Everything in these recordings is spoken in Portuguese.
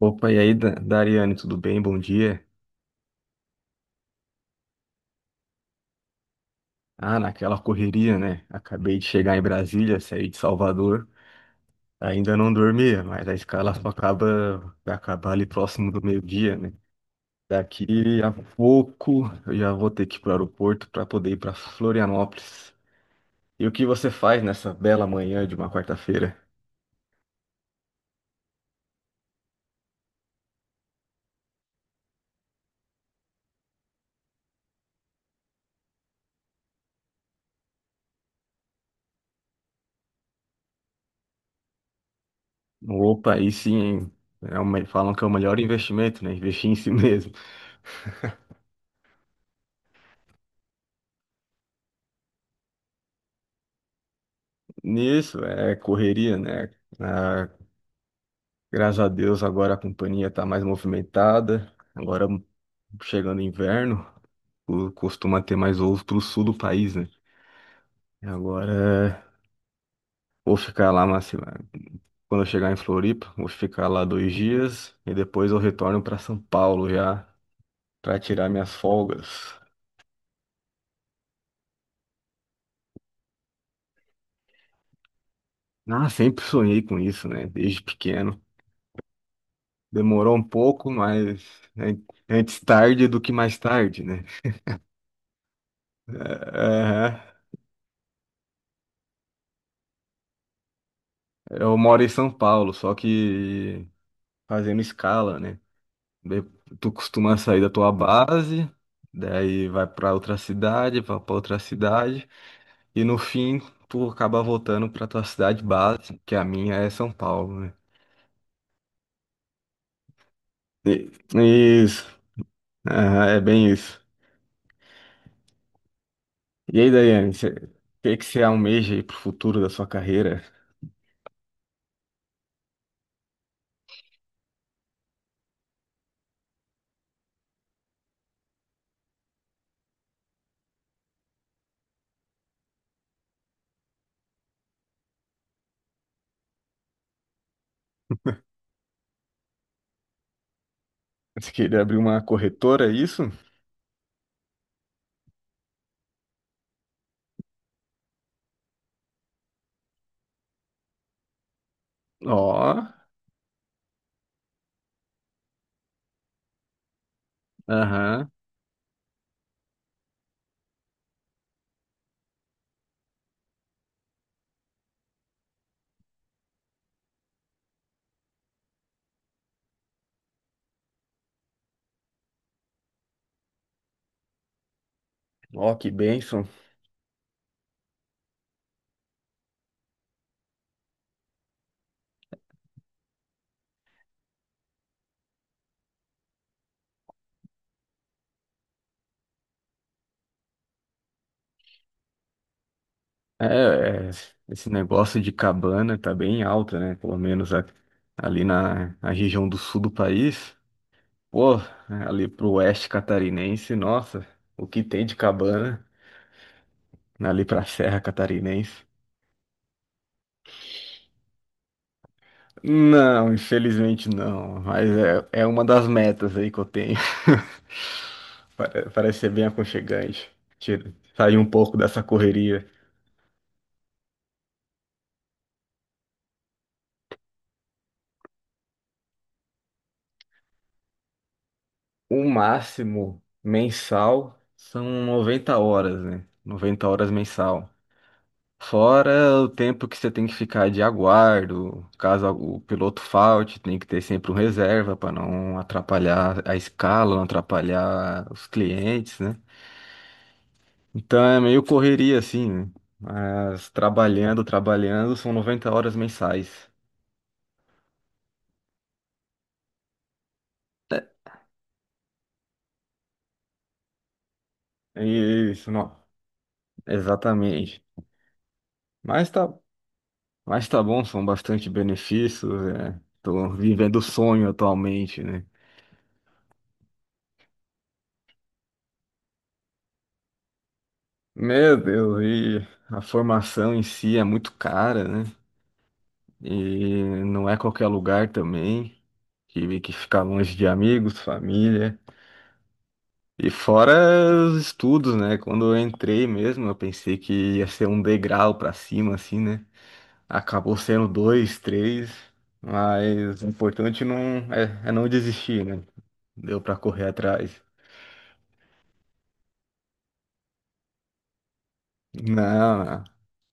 Opa, e aí, Dariane, tudo bem? Bom dia. Ah, naquela correria, né? Acabei de chegar em Brasília, saí de Salvador. Ainda não dormia, mas a escala só acaba, vai acabar ali próximo do meio-dia, né? Daqui a pouco eu já vou ter que ir para o aeroporto para poder ir para Florianópolis. E o que você faz nessa bela manhã de uma quarta-feira? Opa, aí sim, hein? É o falam que é o melhor investimento, né? Investir em si mesmo. Nisso, é correria, né? Ah, graças a Deus, agora a companhia está mais movimentada. Agora, chegando inverno, costuma ter mais voos para o sul do país, né? E agora, vou ficar lá, mas sei lá, quando eu chegar em Floripa, vou ficar lá dois dias e depois eu retorno para São Paulo já para tirar minhas folgas. Ah, sempre sonhei com isso, né? Desde pequeno. Demorou um pouco, mas é, antes tarde do que mais tarde, né? É, eu moro em São Paulo, só que fazendo escala, né? De- Tu costuma sair da tua base, daí vai pra outra cidade, vai pra outra cidade, e no fim tu acaba voltando pra tua cidade base, que a minha é São Paulo, né? E- isso. Aham, é bem isso. E aí, Daiane, o que que você almeja aí pro futuro da sua carreira? Você queria abrir uma corretora, é isso? Ó, aham, ó, que bênção. É, é, esse negócio de cabana tá bem alto, né? Pelo menos ali na região do sul do país. Pô, ali pro oeste catarinense, nossa, o que tem de cabana ali pra Serra Catarinense? Não, infelizmente não, mas é, é uma das metas aí que eu tenho. Parece ser bem aconchegante. Sair um pouco dessa correria. O máximo mensal são 90 horas, né? 90 horas mensal. Fora o tempo que você tem que ficar de aguardo, caso o piloto falte, tem que ter sempre um reserva para não atrapalhar a escala, não atrapalhar os clientes, né? Então é meio correria assim, né? Mas trabalhando, trabalhando, são 90 horas mensais. É isso, não. Exatamente. Mas tá Mas tá bom, são bastante benefícios, é. Tô vivendo o sonho atualmente, né? Meu Deus, e a formação em si é muito cara, né? E não é qualquer lugar também. Tive que ficar longe de amigos, família. E fora os estudos, né? Quando eu entrei mesmo, eu pensei que ia ser um degrau pra cima, assim, né? Acabou sendo dois, três. Mas o importante não é, é não desistir, né? Deu pra correr atrás. Não, não.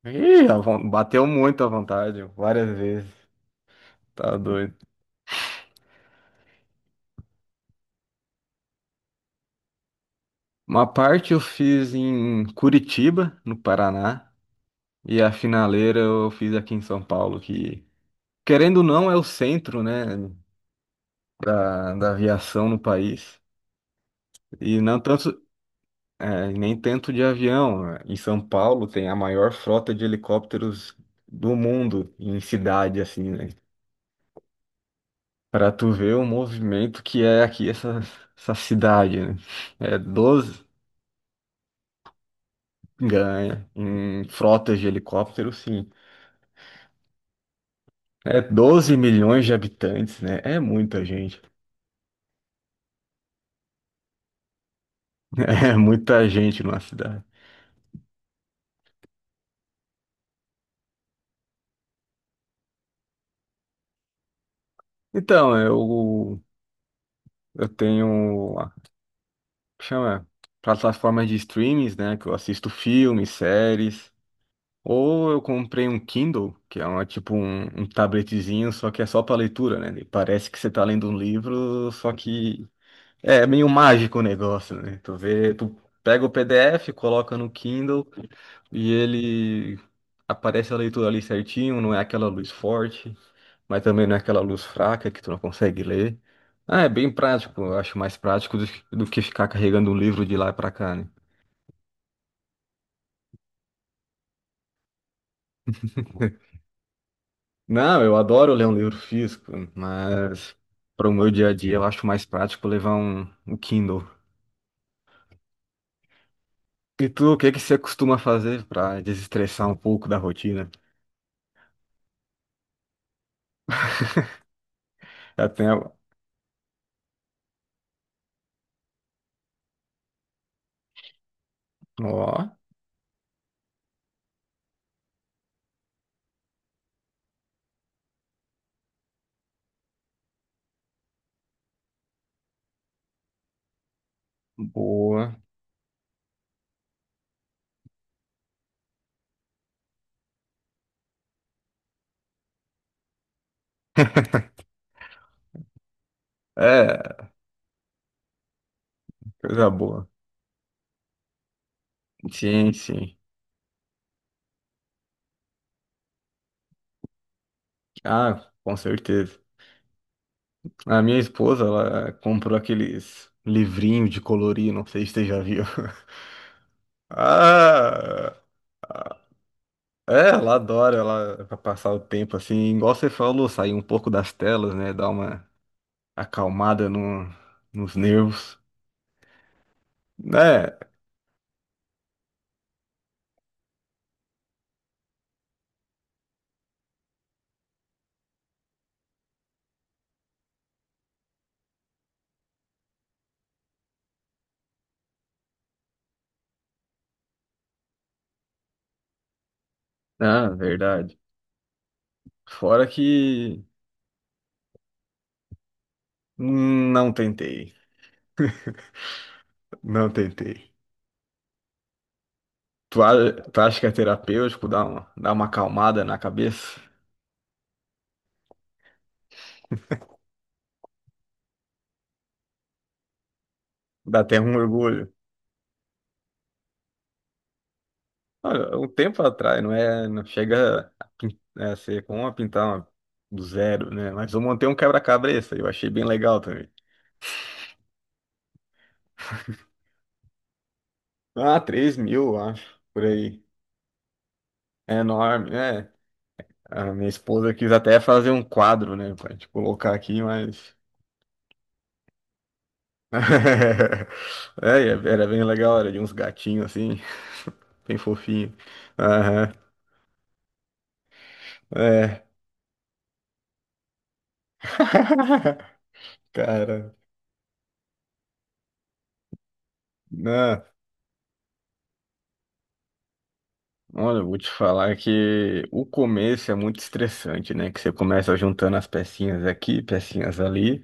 Ih, a bateu muito à vontade, várias vezes. Tá doido. Uma parte eu fiz em Curitiba, no Paraná, e a finaleira eu fiz aqui em São Paulo, que, querendo ou não, é o centro, né, da aviação no país. E não tanto, é, nem tanto de avião. Em São Paulo tem a maior frota de helicópteros do mundo, em cidade, assim, né? Pra tu ver o movimento que é aqui essa, essa cidade, né? É 12 ganha, em frotas de helicóptero, sim. É 12 milhões de habitantes, né? É muita gente. É muita gente numa cidade. Então, eu tenho, chama, plataformas de streamings, né? Que eu assisto filmes, séries. Ou eu comprei um Kindle, que é uma, tipo um, um tabletezinho, só que é só para leitura, né? Parece que você tá lendo um livro, só que é meio mágico o negócio, né? Tu vê, tu pega o PDF, coloca no Kindle e ele aparece a leitura ali certinho, não é aquela luz forte, mas também não é aquela luz fraca que tu não consegue ler. Ah, é bem prático, eu acho mais prático do que ficar carregando um livro de lá pra cá, né? Não, eu adoro ler um livro físico, mas para o meu dia a dia eu acho mais prático levar um, um Kindle. E tu, o que que você costuma fazer para desestressar um pouco da rotina? Eu tenho, ó, boa. É, coisa boa. Sim, sim. Ah, com certeza. A minha esposa, ela comprou aqueles livrinhos de colorir, não sei se você já viu. Ah, é, ela adora, ela pra passar o tempo assim, igual você falou, sair um pouco das telas, né? Dar uma acalmada no, nos nervos. É, ah, verdade. Fora que não tentei, não tentei. Tu, tu acha que é terapêutico dar uma acalmada na cabeça? Dá até um orgulho. Olha, um tempo atrás, não é, não chega a, pin- né, a ser como a pintar uma- do zero, né? Mas eu montei um quebra-cabeça, eu achei bem legal também. Ah, 3 mil, eu acho, por aí. É enorme, é. A minha esposa quis até fazer um quadro, né, pra gente colocar aqui, mas... É, e é, era bem legal, era de uns gatinhos assim, bem fofinho. Aham, é. Cara, né? Olha, eu vou te falar que o começo é muito estressante, né? Que você começa juntando as pecinhas aqui, pecinhas ali,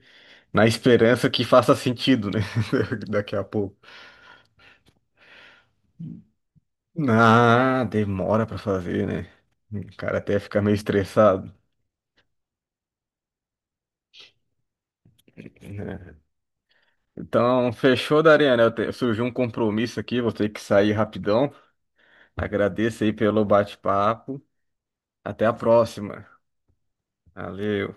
na esperança que faça sentido, né? Daqui a pouco. Ah, demora pra fazer, né? O cara até fica meio estressado. Né? Então, fechou, Dariana. Surgiu um compromisso aqui, vou ter que sair rapidão. Agradeço aí pelo bate-papo. Até a próxima. Valeu.